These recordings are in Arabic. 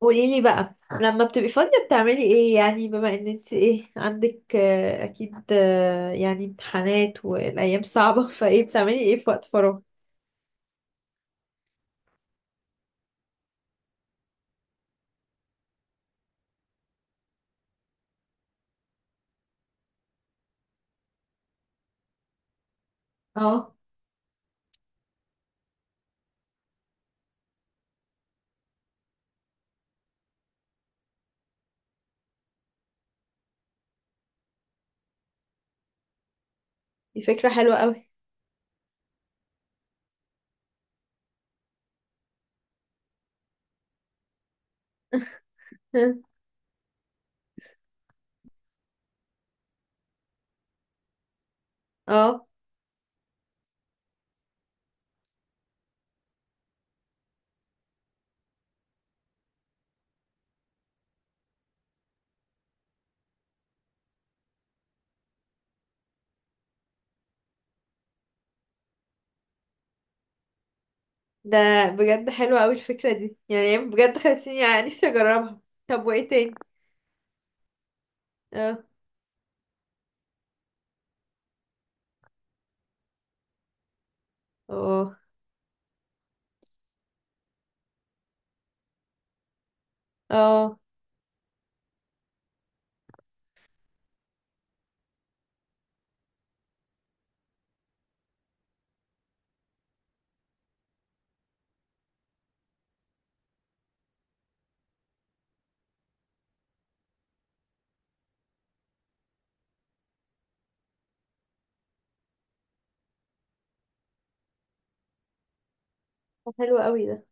قولي لي بقى. لما بتبقي فاضية بتعملي ايه؟ يعني بما ان انت ايه عندك اكيد يعني امتحانات والايام صعبة فايه بتعملي ايه في وقت فراغ؟ دي فكرة حلوة قوي. اه، ده بجد حلوة قوي الفكرة دي، يعني بجد خلتيني يعني نفسي اجربها. طب وايه تاني؟ اه. اه. اه. طب حلو قوي ده.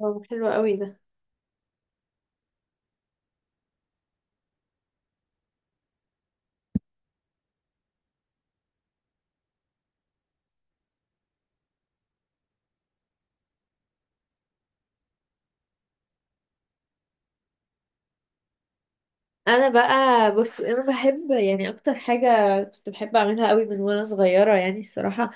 اه حلو قوي ده. انا بقى، بص، انا بحب يعني اكتر حاجة كنت بحب اعملها قوي من وانا صغيرة يعني الصراحة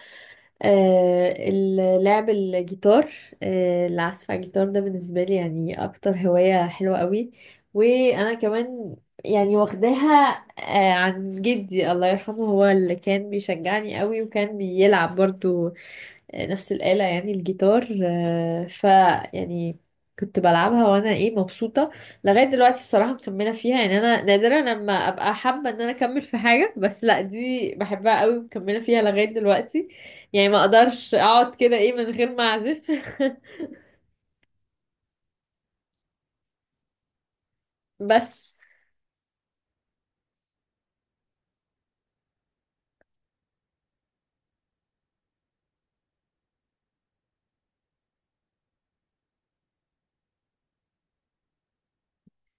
لعب الجيتار. العزف على الجيتار ده بالنسبة لي يعني أكتر هواية حلوة قوي. وأنا كمان يعني واخداها عن جدي الله يرحمه، هو اللي كان بيشجعني قوي وكان بيلعب برضو نفس الآلة يعني الجيتار. آه، ف يعني كنت بلعبها وانا ايه مبسوطة. لغاية دلوقتي بصراحة مكملة فيها، يعني انا نادرا لما ابقى حابة ان انا اكمل في حاجة، بس لا دي بحبها قوي ومكملة فيها لغاية دلوقتي. يعني ما اقدرش اقعد كده ايه من غير ما اعزف. بس.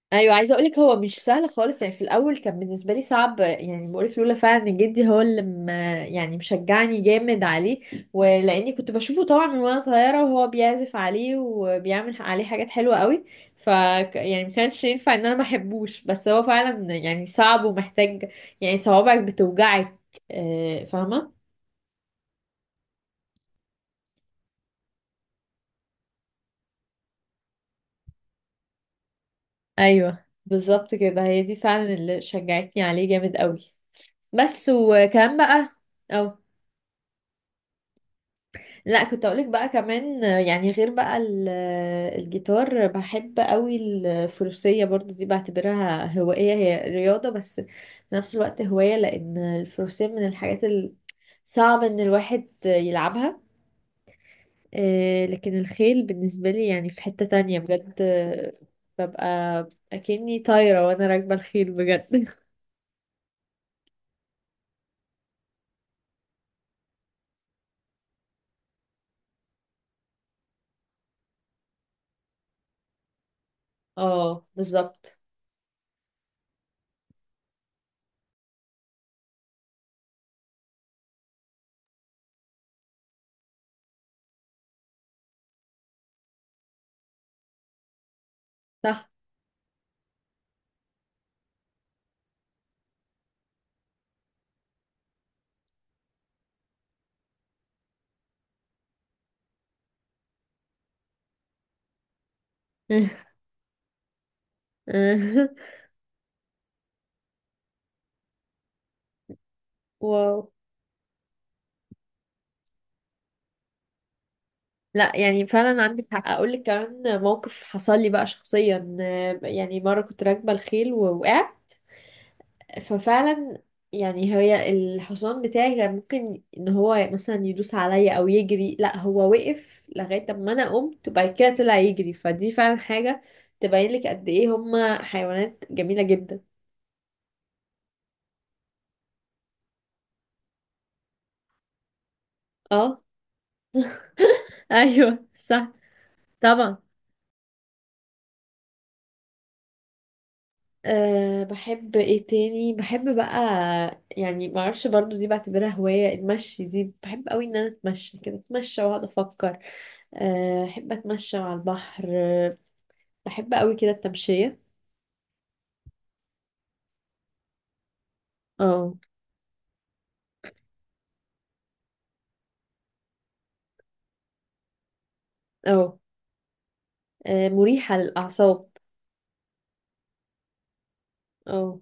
ايوه، عايزه اقولك هو مش سهل خالص، يعني في الاول كان بالنسبه لي صعب. يعني بقولك لولا فعلا ان جدي هو يعني مشجعني جامد عليه، ولاني كنت بشوفه طبعا من وانا صغيره وهو بيعزف عليه وبيعمل عليه حاجات حلوه قوي. ف يعني ما كانش ينفع ان انا ما احبوش، بس هو فعلا يعني صعب ومحتاج، يعني صوابعك بتوجعك. فاهمه. ايوه بالظبط كده، هي دي فعلا اللي شجعتني عليه جامد قوي. بس. وكمان بقى اه، لا كنت اقولك بقى كمان يعني غير بقى الجيتار بحب قوي الفروسية برضو، دي بعتبرها هواية، هي رياضة بس في نفس الوقت هواية لان الفروسية من صعب ان الواحد يلعبها. لكن الخيل بالنسبة لي يعني في حتة تانية بجد، ببقى اكني طايرة وانا راكبة الخيل بجد. اه بالظبط. صح. و... لا يعني فعلا عندك حق، اقول لك كمان موقف حصل لي بقى شخصيا. يعني مره كنت راكبه الخيل ووقعت. ففعلا يعني الحصان بتاعي كان ممكن ان هو مثلا يدوس عليا او يجري. لا، هو وقف لغايه ما انا قمت وبعد كده طلع يجري. فدي فعلا حاجه تبين لك قد ايه هما حيوانات جميله جدا. اه. ايوه صح. طبعا. أه بحب ايه تاني؟ بحب بقى، يعني معرفش برضو دي بعتبرها هواية، المشي دي بحب قوي ان انا اتمشى كده، اتمشى واقعد افكر. أه احب اتمشى على البحر. بحب قوي كده التمشية. اه. اه. أه، مريحة للأعصاب. اه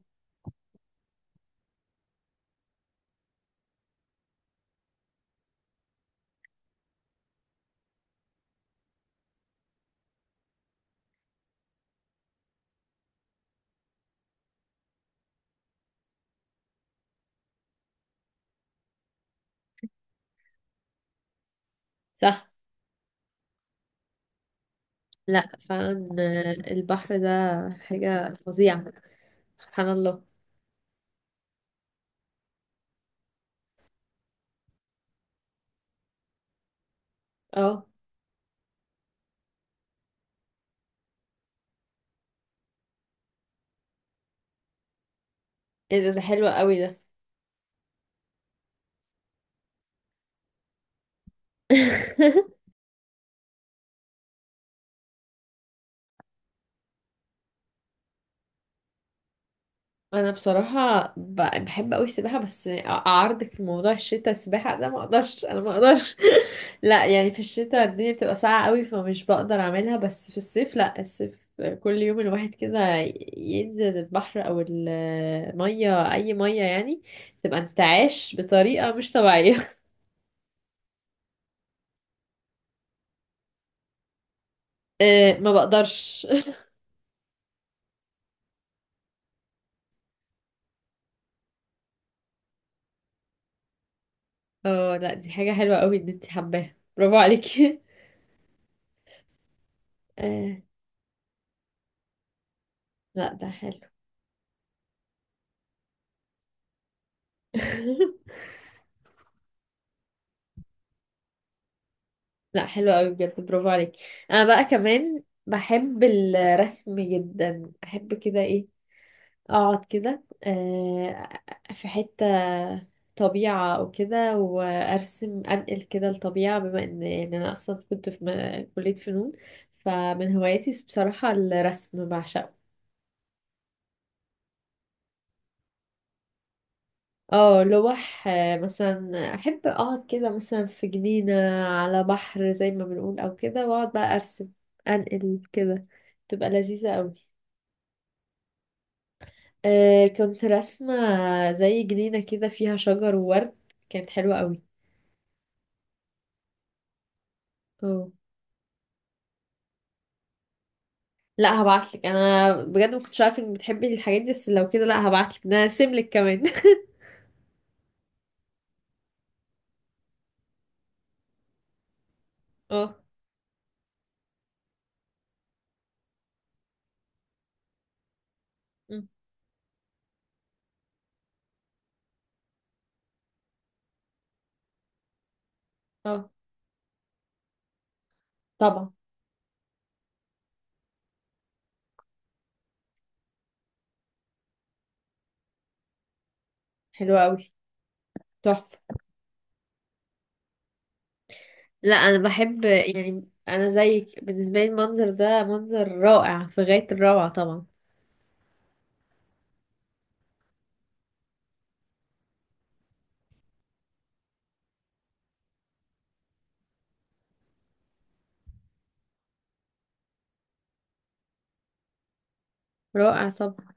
صح. لا فعلا أه، البحر ده حاجة فظيعة، سبحان الله. اه. ايه ده، ده حلو قوي ده. انا بصراحه بحب قوي السباحه، بس اعارضك في موضوع الشتاء. السباحه ده ما اقدرش، انا ما اقدرش. لا يعني في الشتاء الدنيا بتبقى ساقعه قوي، فمش بقدر اعملها. بس في الصيف لا، الصيف كل يوم الواحد كده ينزل البحر او الميه، اي ميه يعني تبقى انتعاش بطريقه مش طبيعيه. ما بقدرش. اه لا دي حاجه حلوه قوي ان انت حباها، برافو عليكي. آه. لا ده حلو. لا حلو قوي بجد، برافو عليك. انا بقى كمان بحب الرسم جدا، احب كده ايه، اقعد كده في حتة طبيعة او كده وارسم، انقل كده الطبيعة، بما ان يعني انا اصلا كنت في كلية فنون. فمن هواياتي بصراحة الرسم، بعشقه. اه لوح. مثلا احب اقعد كده مثلا في جنينة على بحر زي ما بنقول او كده، واقعد بقى ارسم، انقل كده. تبقى لذيذة قوي. آه كنت راسمة زي جنينة كده فيها شجر وورد، كانت حلوة قوي. اه لا هبعتلك، انا بجد ما كنتش عارفة انك بتحبي الحاجات دي، بس لو كده لا هبعتلك ده انا هرسملك كمان. اه. أم. اه طبعا. حلوة قوي. تحفة. لا انا بحب، يعني انا زيك بالنسبة لي المنظر ده منظر رائع في غاية الروعة طبعا. رائع طبعا.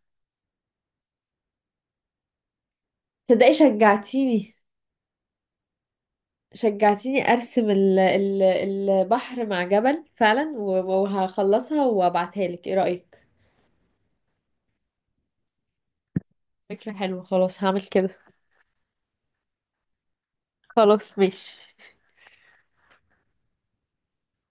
تصدقي شجعتيني، شجعتيني ارسم البحر مع جبل فعلا، وهخلصها وابعتها لك، ايه رأيك؟ فكرة حلوة، خلاص هعمل كده. خلاص ماشي.